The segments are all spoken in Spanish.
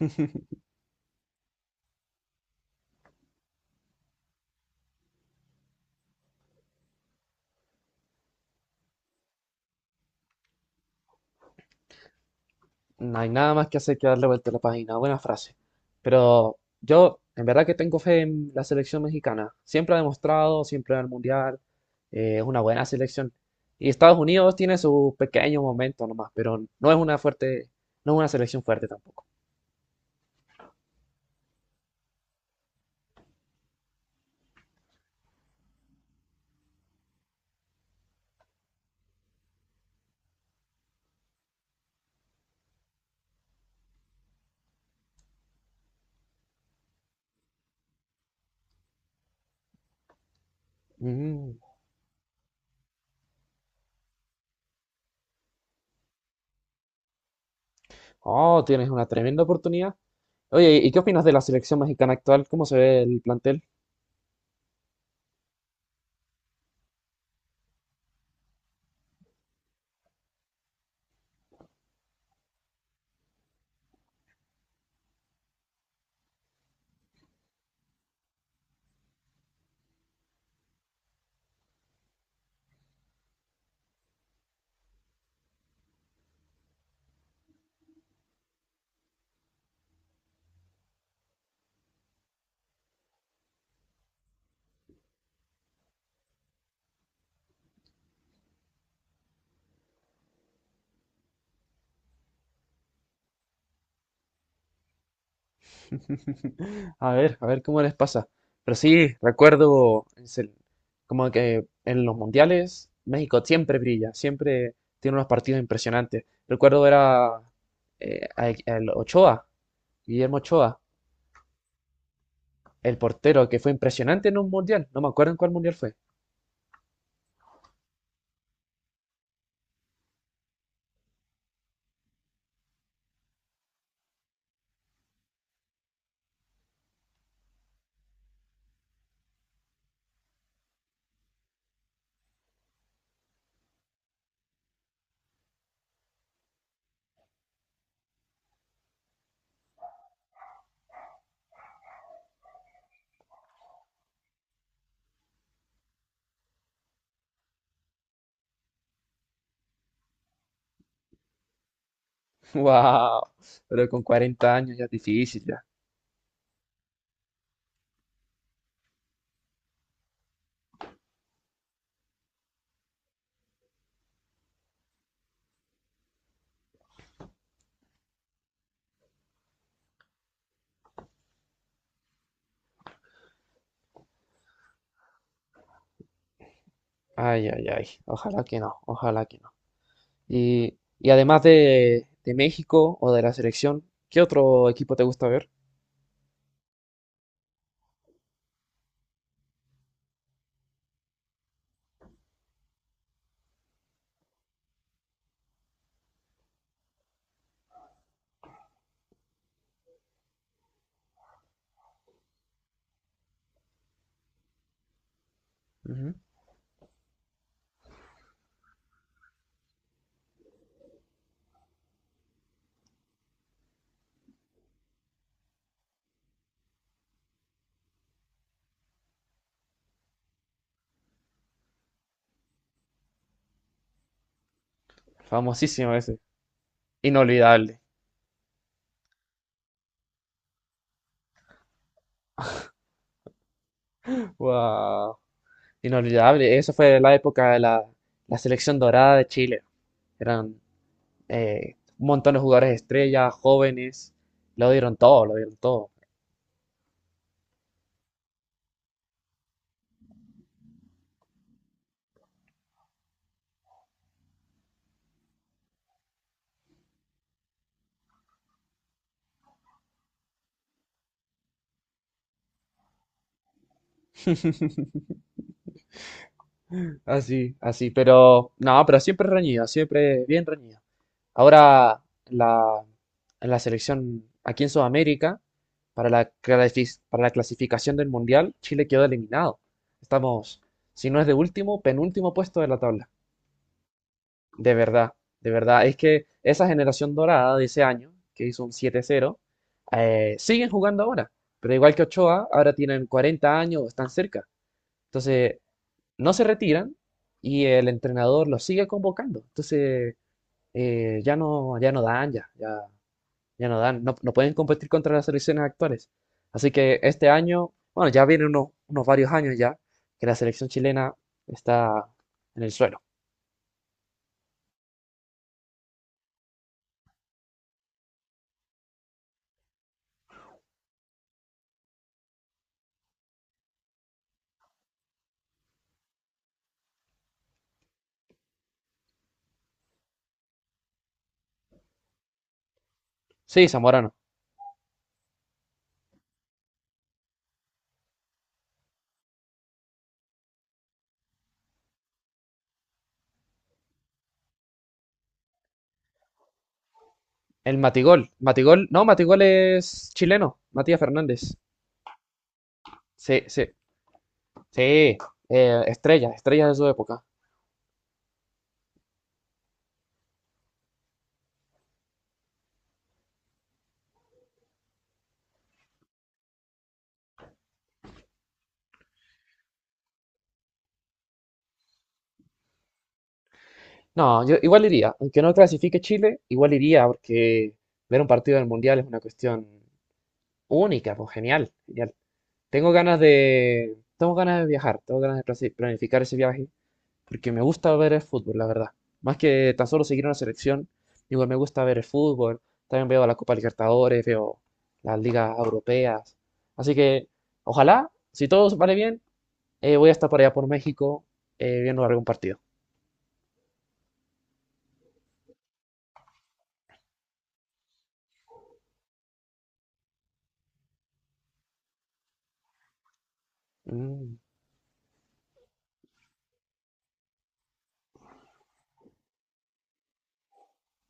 No hay nada más que hacer que darle vuelta a la página. Buena frase. Pero yo, en verdad que tengo fe en la selección mexicana. Siempre ha demostrado, siempre en el Mundial. Es una buena selección. Y Estados Unidos tiene su pequeño momento nomás, pero no es una fuerte, no es una selección fuerte tampoco. Mm. Oh, tienes una tremenda oportunidad. Oye, ¿y qué opinas de la selección mexicana actual? ¿Cómo se ve el plantel? A ver cómo les pasa. Pero sí, recuerdo como que en los mundiales México siempre brilla, siempre tiene unos partidos impresionantes. Recuerdo era el Ochoa, Guillermo Ochoa, el portero que fue impresionante en un mundial. No me acuerdo en cuál mundial fue. ¡Wow! Pero con 40 años ya es difícil ya. Ay, ay, ay. Ojalá que no, ojalá que no. Y además de México o de la selección, ¿qué otro equipo te gusta ver? Famosísimo ese. Inolvidable. Wow. Inolvidable. Eso fue la época de la selección dorada de Chile. Eran un montón de jugadores estrellas, jóvenes. Lo dieron todo, lo dieron todo. Así, así. Pero, no, pero siempre reñido, siempre bien reñido. Ahora, la, la selección aquí en Sudamérica, para para la clasificación del Mundial, Chile quedó eliminado. Estamos, si no es de último, penúltimo puesto de la tabla. De verdad, de verdad. Es que esa generación dorada de ese año, que hizo un 7-0, siguen jugando ahora. Pero igual que Ochoa, ahora tienen 40 años, están cerca. Entonces, no se retiran y el entrenador los sigue convocando. Entonces, ya no, ya no dan, ya, ya, ya no dan. No, no pueden competir contra las selecciones actuales. Así que este año, bueno, ya vienen unos, unos varios años ya que la selección chilena está en el suelo. Sí, Zamorano. El Matigol. Matigol, no, Matigol es chileno. Matías Fernández. Sí, sí, sí. Estrellas, estrellas de su época. No, yo igual iría. Aunque no clasifique Chile, igual iría porque ver un partido del Mundial es una cuestión única, pues genial, genial. Tengo ganas de viajar, tengo ganas de planificar ese viaje porque me gusta ver el fútbol, la verdad. Más que tan solo seguir una selección, igual me gusta ver el fútbol, también veo la Copa Libertadores, veo las ligas europeas. Así que ojalá, si todo vale bien, voy a estar por allá por México viendo algún partido. Mm,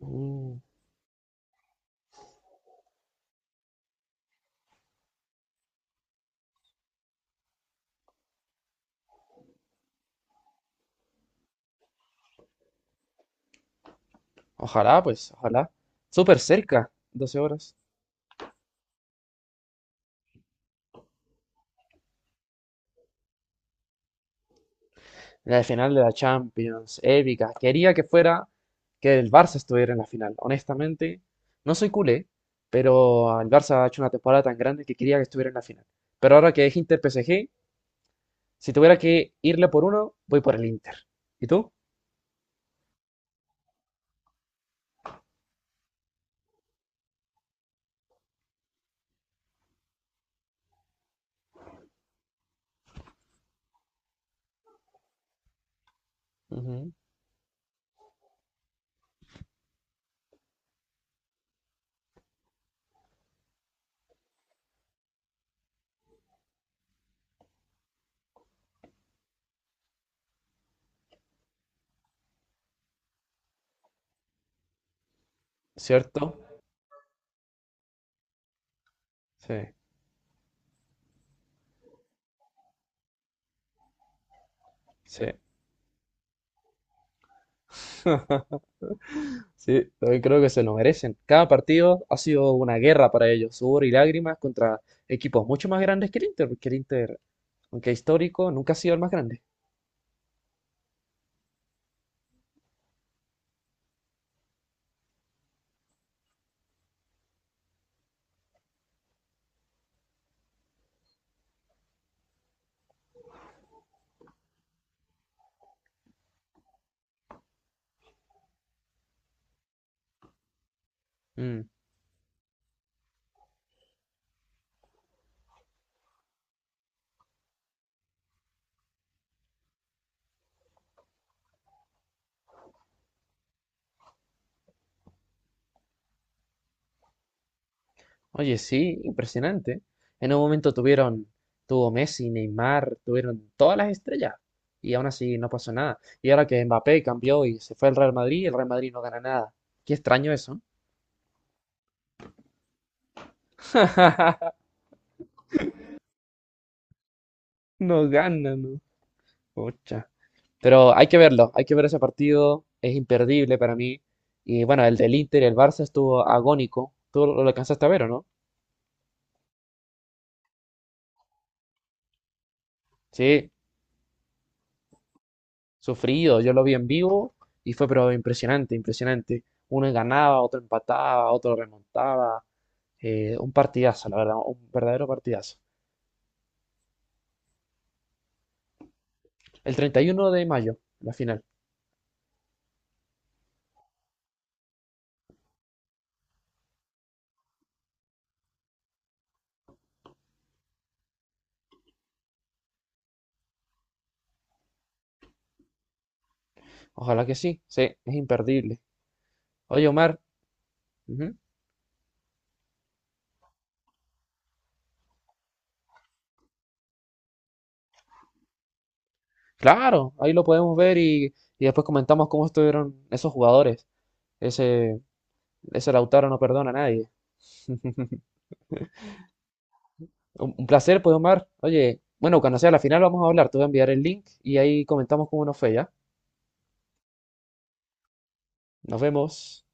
mm. Ojalá, pues, ojalá. Súper cerca, 12 horas. La final de la Champions, épica. Quería que fuera, que el Barça estuviera en la final. Honestamente, no soy culé, pero el Barça ha hecho una temporada tan grande que quería que estuviera en la final. Pero ahora que es Inter-PSG, si tuviera que irle por uno, voy por el Inter. ¿Y tú? Ujú. ¿Cierto? Sí, sí. Sí, también creo que se lo merecen. Cada partido ha sido una guerra para ellos, sudor y lágrimas contra equipos mucho más grandes que el Inter, porque el Inter, aunque histórico, nunca ha sido el más grande. Mm. Oye, sí, impresionante. En un momento tuvieron, tuvo Messi, Neymar, tuvieron todas las estrellas y aún así no pasó nada. Y ahora que Mbappé cambió y se fue al Real Madrid, el Real Madrid no gana nada. Qué extraño eso. No gana, no. Pucha. Pero hay que verlo, hay que ver ese partido, es imperdible para mí. Y bueno, el del Inter y el Barça estuvo agónico. Tú lo alcanzaste a ver, ¿o no? Sí. Sufrido, yo lo vi en vivo y fue pero impresionante, impresionante. Uno ganaba, otro empataba, otro remontaba. Un partidazo, la verdad, un verdadero partidazo. El 31 de mayo, la final. Ojalá que sí, sí, es imperdible. Oye, Omar, ujú. Claro, ahí lo podemos ver y después comentamos cómo estuvieron esos jugadores. Ese, ese Lautaro no perdona a nadie. Un placer, pues, Omar. Oye, bueno, cuando sea la final vamos a hablar. Te voy a enviar el link y ahí comentamos cómo nos fue, ¿ya? Nos vemos.